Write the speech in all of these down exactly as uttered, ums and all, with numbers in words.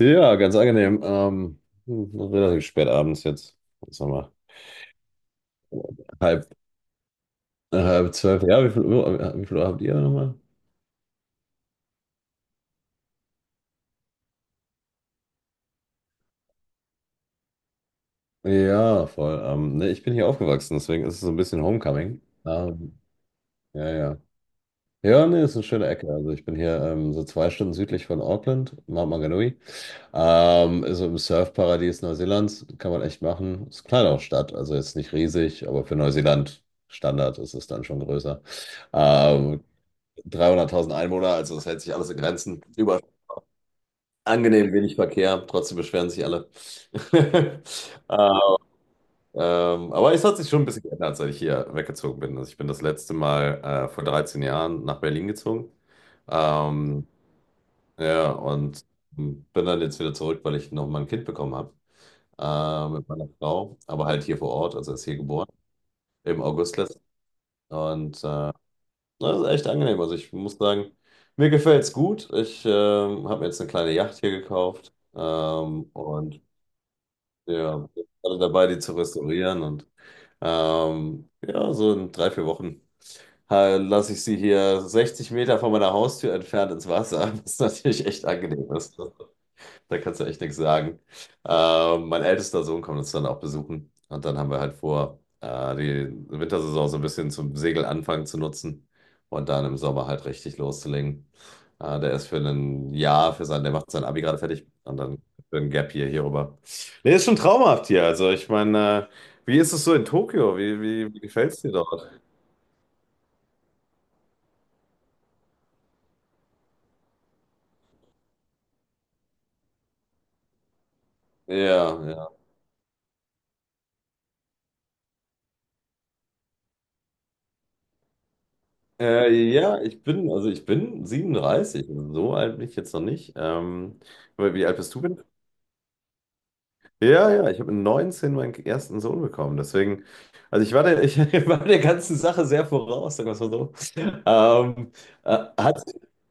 Ja, ganz angenehm. Ähm, hm, relativ spät abends jetzt. Jetzt haben wir halb, halb zwölf. Ja, wie viel Uhr, äh, wie viel Uhr habt ihr nochmal? Ja, voll. Ähm, ne, ich bin hier aufgewachsen, deswegen ist es so ein bisschen Homecoming. Ähm, ja, ja. Ja, ne, ist eine schöne Ecke. Also ich bin hier ähm, so zwei Stunden südlich von Auckland, Mount Maunganui. Ähm, ist so im Surfparadies Neuseelands. Kann man echt machen. Ist eine kleine Stadt, also jetzt nicht riesig, aber für Neuseeland Standard ist es dann schon größer. Ähm, dreihunderttausend Einwohner, also das hält sich alles in Grenzen. Über angenehm wenig Verkehr, trotzdem beschweren sich alle. Ah, ähm, aber es hat sich schon ein bisschen geändert, seit ich hier weggezogen bin. Also ich bin das letzte Mal äh, vor dreizehn Jahren nach Berlin gezogen. Ähm, ja, und bin dann jetzt wieder zurück, weil ich noch mal ein Kind bekommen habe äh, mit meiner Frau, aber halt hier vor Ort, also ist hier geboren, im August letzten. Und äh, Ne, das ist echt angenehm. Also ich muss sagen, mir gefällt es gut. Ich ähm, habe mir jetzt eine kleine Yacht hier gekauft, ähm, und ja, bin gerade dabei, die zu restaurieren. Und ähm, ja, so in drei, vier Wochen äh, lasse ich sie hier sechzig Meter von meiner Haustür entfernt ins Wasser, was natürlich echt angenehm ist. Da kannst du echt nichts sagen. Ähm, mein ältester Sohn kommt uns dann auch besuchen. Und dann haben wir halt vor, äh, die Wintersaison so ein bisschen zum Segelanfang zu nutzen und dann im Sommer halt richtig loszulegen. Äh, der ist für ein Jahr, für sein, der macht sein Abi gerade fertig und dann für ein Gap hier, hier rüber. Nee, ist schon traumhaft hier. Also, ich meine, äh, wie ist es so in Tokio? Wie, wie, wie gefällt es dir dort? Ja, ja. Äh, ja, ich bin, also ich bin siebenunddreißig. So alt bin ich jetzt noch nicht. Ähm, aber wie alt bist du? Ja, ja, ich habe mit neunzehn meinen ersten Sohn bekommen. Deswegen, also ich war der, ich war der ganzen Sache sehr voraus, sagen wir es mal so. Ähm, äh, hat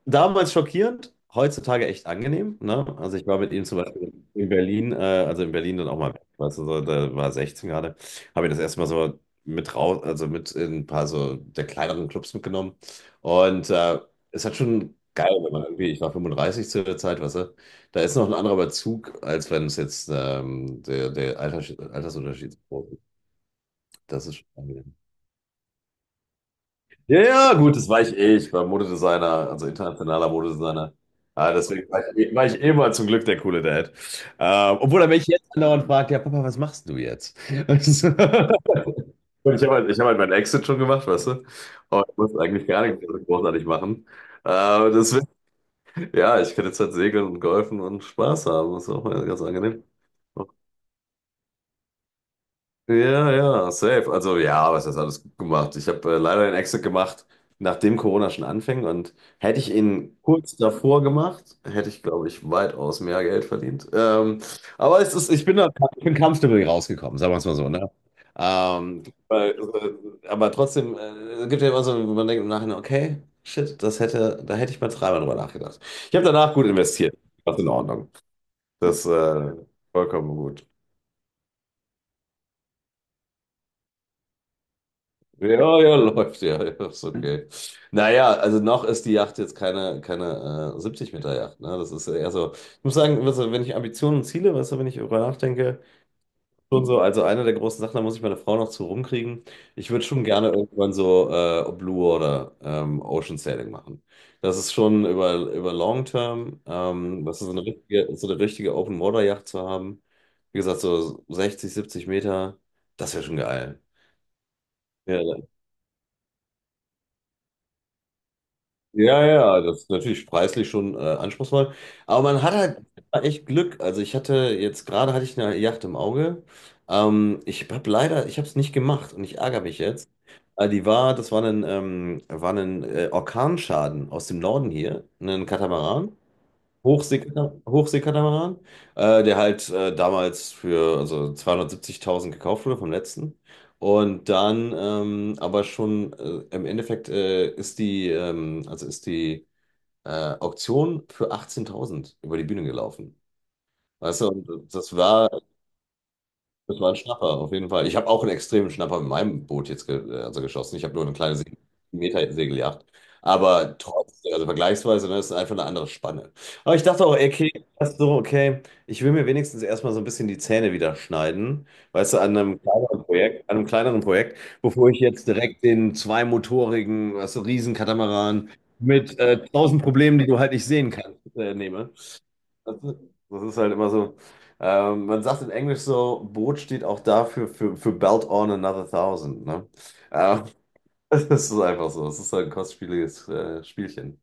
Damals schockierend, heutzutage echt angenehm. Ne? Also ich war mit ihm zum Beispiel in Berlin, äh, also in Berlin dann auch mal, weißt du, so, da war sechzehn gerade, habe ich das erste Mal so mit raus, also mit in ein paar so der kleineren Clubs mitgenommen. Und äh, es hat schon geil, wenn man irgendwie, ich war fünfunddreißig zu der Zeit, weißt du, da ist noch ein anderer Bezug, als wenn es jetzt ähm, der, der Alters, Altersunterschied ist. Das ist schon angenehm. Ja, ja, gut, das war ich eh. Ich war Modedesigner, also internationaler Modedesigner. Ah, deswegen war ich, eh- war ich eh mal zum Glück der coole Dad. Ähm, obwohl er mich jetzt andauernd fragt: ja, Papa, was machst du jetzt? Und ich habe halt, ich hab halt meinen Exit schon gemacht, weißt du? Und ich muss eigentlich gar nichts großartig machen. Äh, deswegen, ja, ich kann jetzt halt segeln und golfen und Spaß haben. Das ist auch ganz angenehm. Ja, ja, safe. Also ja, was hast alles gut gemacht? Ich habe äh, leider den Exit gemacht, nachdem Corona schon anfing und hätte ich ihn kurz davor gemacht, hätte ich, glaube ich, weitaus mehr Geld verdient. Ähm, aber es ist, ich bin da, ich bin kampfstümmelig rausgekommen, sagen wir es mal so, ne? Ähm, weil, äh, aber trotzdem, äh, es gibt ja immer so, wo man denkt im Nachhinein, okay, shit, das hätte, da hätte ich mal dreimal drüber nachgedacht. Ich habe danach gut investiert. Das ist in Ordnung. Das äh, vollkommen gut. Ja, ja, läuft, ja, ja, ist okay. Naja, also noch ist die Yacht jetzt keine, keine äh, siebzig-Meter-Yacht, ne? Das ist ja eher so, ich muss sagen, weißt du, wenn ich Ambitionen und Ziele, weißt du, wenn ich darüber nachdenke, schon so, also eine der großen Sachen, da muss ich meine Frau noch zu rumkriegen. Ich würde schon gerne irgendwann so äh, Blue oder ähm, Ocean Sailing machen. Das ist schon über, über Long Term, ähm, was ist so eine richtige, so eine richtige Open-Water-Yacht zu haben. Wie gesagt, so sechzig, siebzig Meter, das wäre schon geil. Ja, ja, ja, das ist natürlich preislich schon äh, anspruchsvoll. Aber man hat halt echt Glück. Also ich hatte jetzt gerade hatte ich eine Yacht im Auge. Ähm, ich habe leider, ich habe es nicht gemacht und ich ärgere mich jetzt. Äh, die war, das war ein, ähm, war ein äh, Orkanschaden aus dem Norden hier, ein Katamaran. Hochseekata- Hochseekatamaran, äh, der halt äh, damals für also zweihundertsiebzigtausend gekauft wurde vom letzten. Und dann ähm, aber schon äh, im Endeffekt äh, ist die, ähm, also ist die äh, Auktion für achtzehntausend über die Bühne gelaufen. Weißt du, und das war das war ein Schnapper, auf jeden Fall. Ich habe auch einen extremen Schnapper mit meinem Boot jetzt ge äh, also geschossen. Ich habe nur eine kleine Se Meter Segeljacht. Aber trotzdem, also vergleichsweise, ne, das ist einfach eine andere Spanne. Aber ich dachte auch, okay, das so, okay, ich will mir wenigstens erstmal so ein bisschen die Zähne wieder schneiden, weißt du, an einem kleineren Projekt, an einem kleineren Projekt, bevor ich jetzt direkt den zweimotorigen, weißt du, Riesenkatamaran mit äh, tausend Problemen, die du halt nicht sehen kannst, äh, nehme. Das ist, das ist halt immer so. Ähm, man sagt in Englisch so: Boot steht auch dafür, für, für Belt on another thousand, ne? Ähm, Das ist einfach so. Das ist halt ein kostspieliges äh, Spielchen.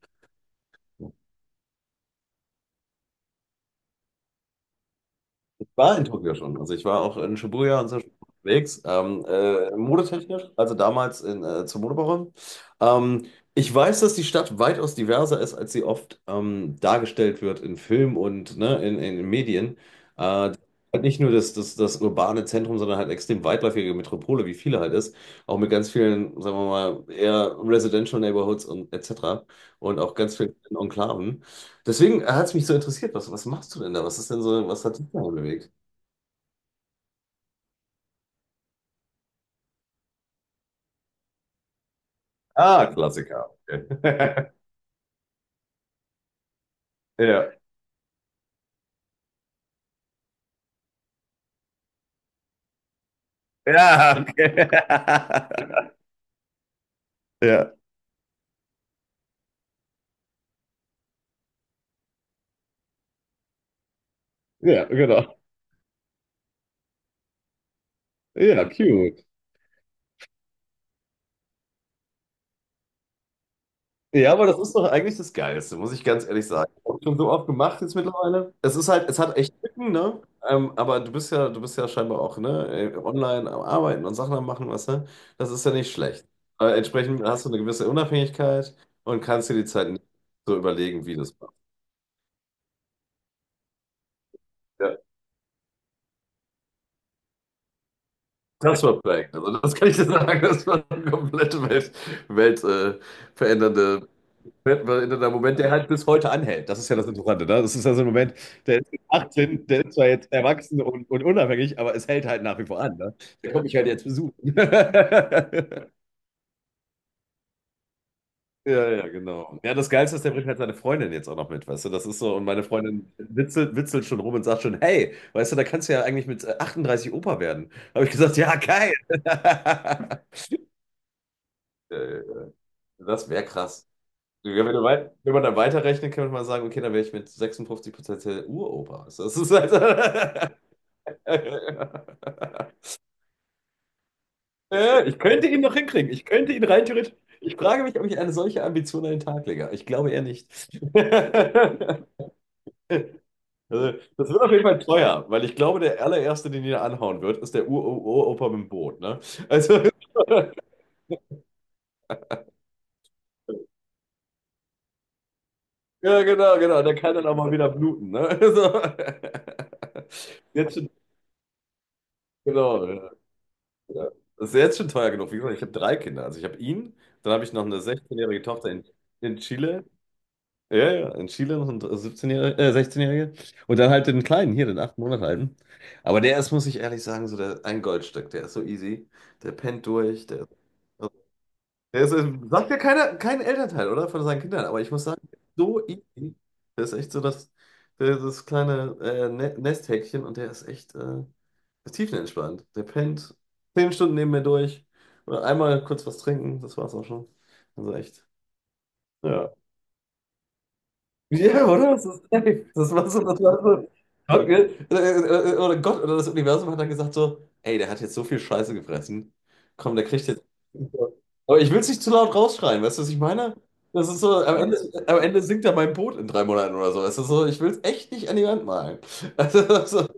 Ich war in Tokio schon. Also ich war auch in Shibuya und so schon unterwegs, ähm, äh, modetechnisch, also damals in, äh, zur Modewoche. Ähm, Ich weiß, dass die Stadt weitaus diverser ist, als sie oft ähm, dargestellt wird in Film und, ne, in, in den Medien. Äh, halt nicht nur das, das, das urbane Zentrum, sondern halt extrem weitläufige Metropole, wie viele halt ist. Auch mit ganz vielen, sagen wir mal, eher Residential Neighborhoods und et cetera. Und auch ganz vielen Enklaven. Deswegen hat es mich so interessiert, was, was machst du denn da? Was ist denn so, was hat dich da bewegt? Ah, Klassiker. Okay. Ja. Ja, okay. Ja, ja, genau. Ja, cute. Ja, aber das ist doch eigentlich das Geilste, muss ich ganz ehrlich sagen. Ich habe schon so oft gemacht jetzt mittlerweile. Es ist halt, es hat echt Lücken, ne? Ähm, aber du bist ja, du bist ja scheinbar auch, ne, äh, online am Arbeiten und Sachen am Machen, weißt du? Das ist ja nicht schlecht. Aber entsprechend hast du eine gewisse Unabhängigkeit und kannst dir die Zeit so überlegen, wie du es machst. Ja. Das war Prank. Also das kann ich dir sagen, das war eine komplette Welt, Welt äh, verändernde, weltverändernder Moment, der halt bis heute anhält. Das ist ja das Interessante, ne? Das ist ja so ein Moment, der ist achtzehn, der ist zwar jetzt erwachsen und, und unabhängig, aber es hält halt nach wie vor an, ne? Der kommt mich halt jetzt besuchen. Ja, ja, genau. Ja, das Geilste ist, der bringt halt seine Freundin jetzt auch noch mit, weißt du? Das ist so, und meine Freundin witzelt, witzelt schon rum und sagt schon: hey, weißt du, da kannst du ja eigentlich mit äh, achtunddreißig Opa werden. Habe ich gesagt, ja, geil. Ja, ja, ja. Das wäre krass. Ja, Wenn, du wei- wenn man dann weiterrechnet, kann man mal sagen, okay, dann wäre ich mit sechsundfünfzig Prozent der Uropa. Also das ist halt. Ja, ich könnte ihn noch hinkriegen. Ich könnte ihn rein theoretisch. Ich frage mich, ob ich eine solche Ambition an den Tag lege. Ich glaube eher nicht. Also, das wird auf jeden Fall teuer, weil ich glaube, der allererste, den jeder anhauen wird, ist der Ur-Opa mit dem Boot. Ne? Also, ja, genau, genau. Der kann dann auch mal wieder bluten. Ne? So. Jetzt schon, genau. Ja. Ja. Das ist jetzt schon teuer genug. Wie gesagt, ich habe drei Kinder. Also ich habe ihn, dann habe ich noch eine sechzehn-jährige Tochter in, in Chile. Ja, ja, in Chile noch eine siebzehn-jährige, äh, sechzehn-jährige. Und dann halt den kleinen hier, den acht Monate alten. Aber der ist, muss ich ehrlich sagen, so der, ein Goldstück. Der ist so easy. Der pennt durch. Der, das ist, sagt ja keiner, kein Elternteil, oder? Von seinen Kindern. Aber ich muss sagen, so easy. Der ist echt so das, der- das kleine äh, Ne- Nesthäkchen und der ist echt äh, tiefenentspannt. Der pennt zehn Stunden neben mir durch. Oder einmal kurz was trinken, das war's auch schon. Also echt. Ja. Ja, oder? Das ist safe. Das war so, das war so. Gott. Okay. Äh, äh, äh, Oder Gott oder das Universum hat dann gesagt so: ey, der hat jetzt so viel Scheiße gefressen. Komm, der kriegt jetzt. Aber ich will es nicht zu laut rausschreien, weißt du, was ich meine? Das ist so, am Ende, am Ende sinkt er mein Boot in drei Monaten oder so. Es ist so, ich will es echt nicht an die Wand malen. Also, so,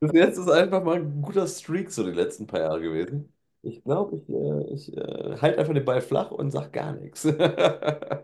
bis jetzt ist einfach mal ein guter Streak so die letzten paar Jahre gewesen. Ich glaube, ich, äh, ich äh, halte einfach den Ball flach und sag gar nichts.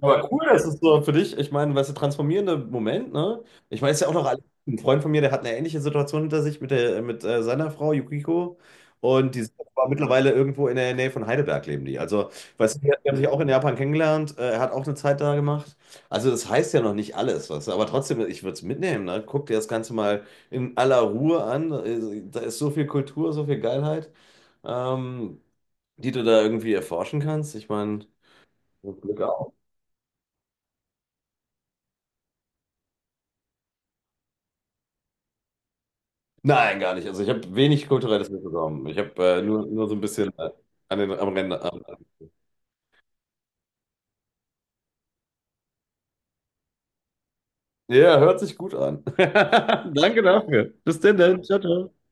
Aber cool, das ist so für dich, ich meine, weißt du, transformierende Moment, ne? Ich meine, es ist ja auch noch alles. Ein Freund von mir, der hat eine ähnliche Situation hinter sich mit, der, mit äh, seiner Frau Yukiko. Und die sind aber mittlerweile irgendwo in der Nähe von Heidelberg leben die. Also, weißt du, die haben sich auch in Japan kennengelernt. Äh, Er hat auch eine Zeit da gemacht. Also, das heißt ja noch nicht alles, weißt du. Aber trotzdem, ich würde es mitnehmen, ne? Guck dir das Ganze mal in aller Ruhe an. Äh, Da ist so viel Kultur, so viel Geilheit, ähm, die du da irgendwie erforschen kannst. Ich meine, Glück auf. Nein, gar nicht. Also ich habe wenig kulturelles mitbekommen. Ich habe äh, nur, nur so ein bisschen äh, an den, am Rande. Am, am- ja, hört sich gut an. Danke dafür. Bis denn dann. Ciao, ciao.